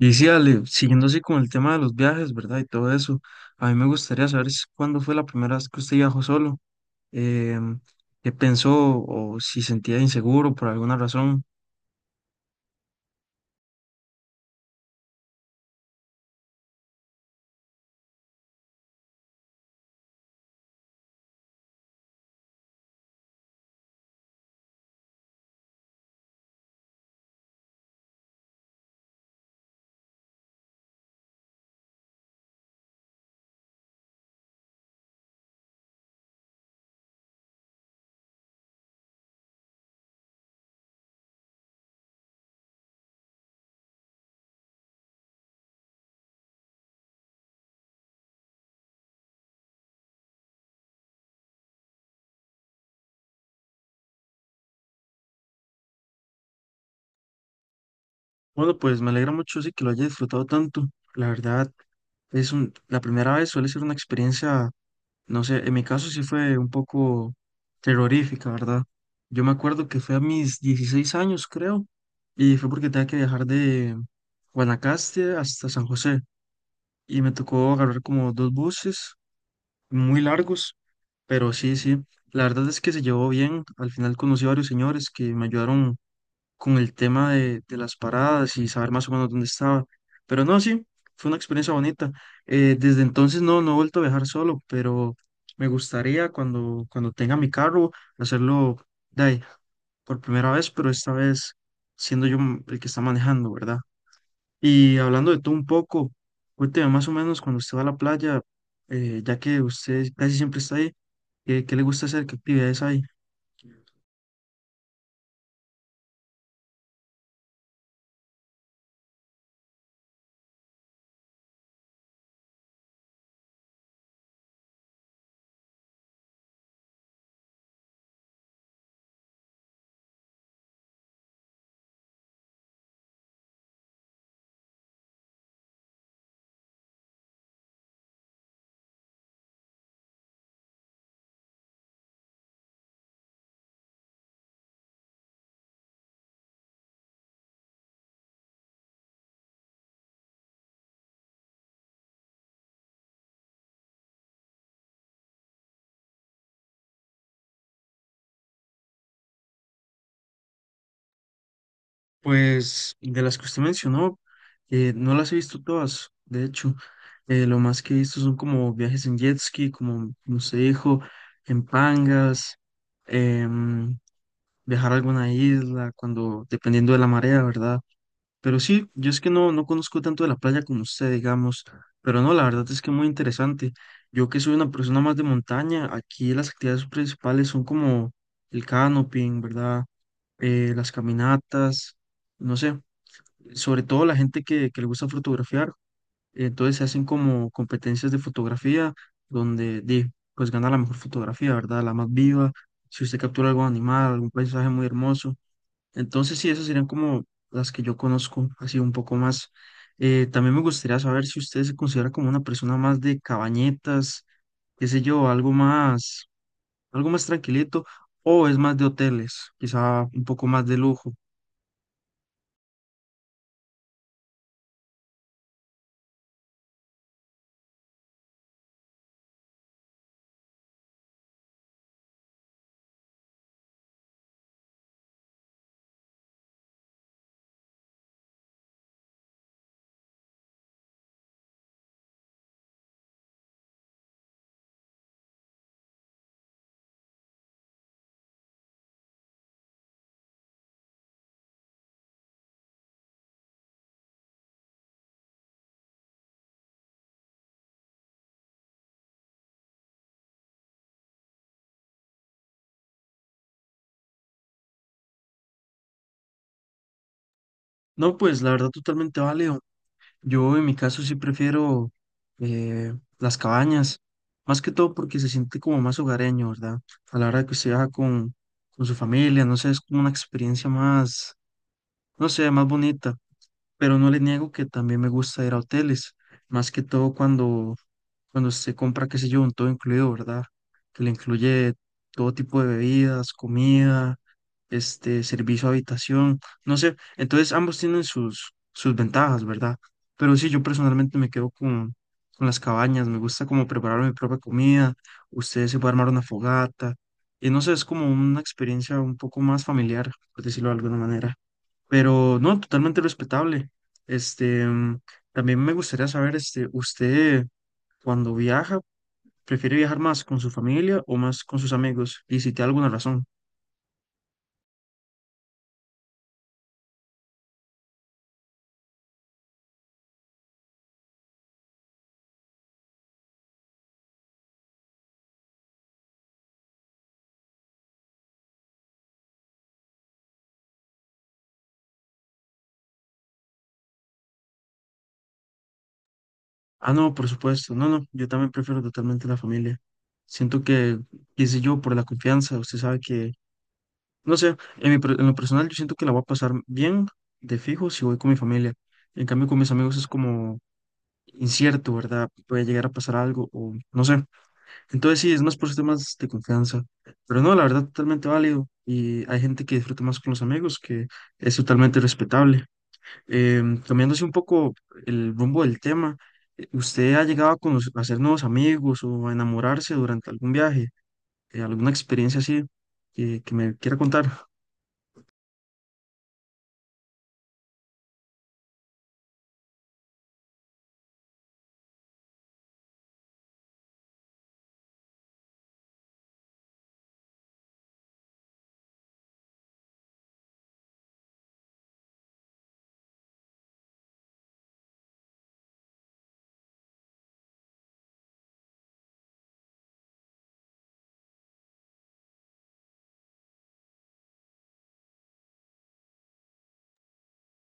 Y sí, Ale, siguiendo así con el tema de los viajes, ¿verdad? Y todo eso, a mí me gustaría saber cuándo fue la primera vez que usted viajó solo, em, qué pensó o si sentía inseguro por alguna razón. Bueno, pues me alegra mucho sí que lo haya disfrutado tanto. La verdad, la primera vez suele ser una experiencia, no sé, en mi caso sí fue un poco terrorífica, ¿verdad? Yo me acuerdo que fue a mis 16 años, creo, y fue porque tenía que viajar de Guanacaste hasta San José. Y me tocó agarrar como dos buses muy largos, pero sí, la verdad es que se llevó bien. Al final conocí a varios señores que me ayudaron con el tema de las paradas y saber más o menos dónde estaba. Pero no, sí, fue una experiencia bonita. Desde entonces no, no he vuelto a viajar solo, pero me gustaría cuando tenga mi carro hacerlo de ahí, por primera vez, pero esta vez siendo yo el que está manejando, ¿verdad? Y hablando de todo un poco, cuénteme más o menos cuando usted va a la playa, ya que usted casi siempre está ahí, ¿ qué le gusta hacer? ¿Qué actividades hay? Pues de las que usted mencionó, no las he visto todas, de hecho, lo más que he visto son como viajes en jet ski, como usted dijo, en pangas, em, viajar a alguna isla, cuando, dependiendo de la marea, ¿verdad? Pero sí, yo es que no, no conozco tanto de la playa como usted, digamos, pero no, la verdad es que muy interesante. Yo que soy una persona más de montaña, aquí las actividades principales son como el canoping, ¿verdad? Las caminatas, no sé, sobre todo la gente que le gusta fotografiar, entonces se hacen como competencias de fotografía donde di, pues gana la mejor fotografía, ¿verdad? La más viva, si usted captura algún animal, algún paisaje muy hermoso. Entonces, sí, esas serían como las que yo conozco, así un poco más. También me gustaría saber si usted se considera como una persona más de cabañetas, qué sé yo, algo más tranquilito, o es más de hoteles, quizá un poco más de lujo. No, pues la verdad totalmente válido. Yo en mi caso sí prefiero eh, las cabañas, más que todo porque se siente como más hogareño, ¿verdad? A la hora de que usted viaja con su familia, no sé, es como una experiencia más, no sé, más bonita. Pero no le niego que también me gusta ir a hoteles, más que todo cuando se compra, qué sé yo, un todo incluido, ¿verdad? Que le incluye todo tipo de bebidas, comida, este, servicio a habitación, no sé, entonces ambos tienen sus ventajas, ¿verdad? Pero sí, yo personalmente me quedo con las cabañas, me gusta como preparar mi propia comida, ustedes se puede armar una fogata, y no sé, es como una experiencia un poco más familiar, por decirlo de alguna manera. Pero no, totalmente respetable. Este, también me gustaría saber, este, usted cuando viaja, ¿prefiere viajar más con su familia o más con sus amigos? Y si tiene alguna razón. Ah, no, por supuesto. No, no, yo también prefiero totalmente la familia. Siento que, qué sé yo, por la confianza, usted sabe que, no sé, en lo personal yo siento que la voy a pasar bien de fijo si voy con mi familia. En cambio, con mis amigos es como incierto, ¿verdad? Puede llegar a pasar algo o no sé. Entonces sí, es más por temas de confianza. Pero no, la verdad, totalmente válido. Y hay gente que disfruta más con los amigos, que es totalmente respetable. Em, cambiándose un poco el rumbo del tema, ¿usted ha llegado a, a hacer nuevos amigos o a enamorarse durante algún viaje? ¿Alguna experiencia así que me quiera contar?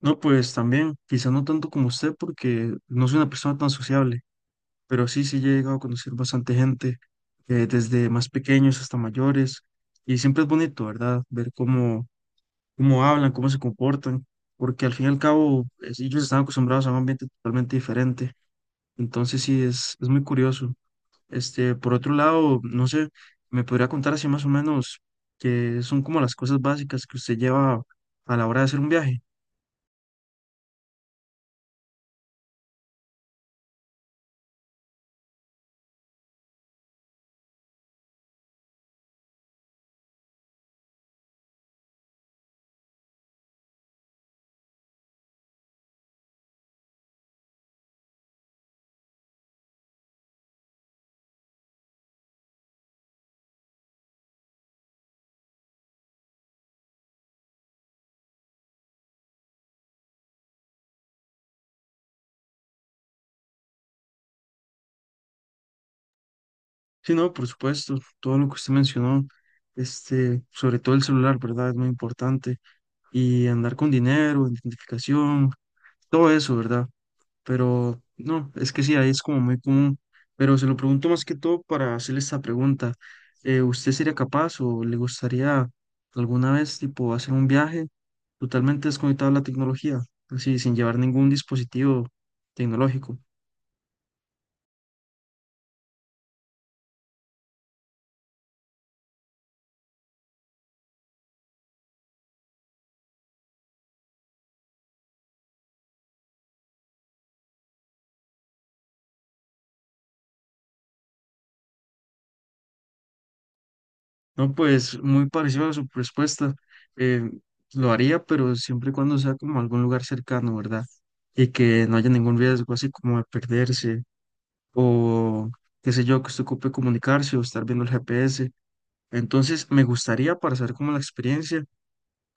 No, pues también, quizá no tanto como usted, porque no soy una persona tan sociable, pero sí he llegado a conocer bastante gente, desde más pequeños hasta mayores, y siempre es bonito, ¿verdad? Ver cómo hablan, cómo se comportan, porque al fin y al cabo ellos están acostumbrados a un ambiente totalmente diferente, entonces sí, es muy curioso. Este, por otro lado, no sé, me podría contar así más o menos que son como las cosas básicas que usted lleva a la hora de hacer un viaje. Sí, no, por supuesto, todo lo que usted mencionó, este, sobre todo el celular, ¿verdad? Es muy importante y andar con dinero, identificación, todo eso, ¿verdad? Pero no, es que sí, ahí es como muy común. Pero se lo pregunto más que todo para hacerle esta pregunta. Eh, ¿usted sería capaz o le gustaría alguna vez, tipo, hacer un viaje totalmente desconectado de la tecnología, así, sin llevar ningún dispositivo tecnológico? No, pues muy parecido a su respuesta. Eh, lo haría, pero siempre y cuando sea como algún lugar cercano, ¿verdad? Y que no haya ningún riesgo, así como de perderse o qué sé yo, que usted ocupe comunicarse o estar viendo el GPS. Entonces, me gustaría para saber cómo la experiencia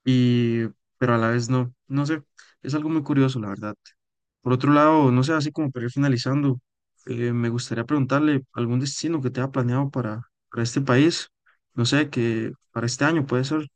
y pero a la vez no, no sé, es algo muy curioso, la verdad. Por otro lado, no sé, así como para ir finalizando, me gustaría preguntarle algún destino que tenga planeado para este país, no sé, que para este año puede ser.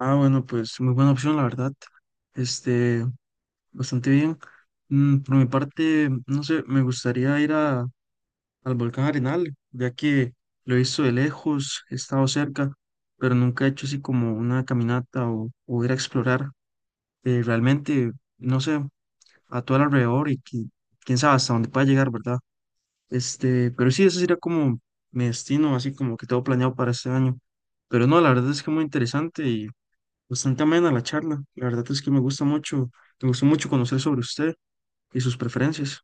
Ah, bueno, pues muy buena opción, la verdad. Este, bastante bien. Mm, por mi parte, no sé, me gustaría al volcán Arenal, ya que lo he visto de lejos, he estado cerca, pero nunca he hecho así como una caminata o ir a explorar. Eh, realmente, no sé, a todo el alrededor y quién sabe hasta dónde pueda llegar, ¿verdad? Este, pero sí, ese sería como mi destino, así como que tengo planeado para este año. Pero no, la verdad es que muy interesante y bastante amena la charla. La verdad es que me gusta mucho, me gustó mucho conocer sobre usted y sus preferencias.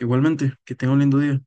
Igualmente, que tenga un lindo día.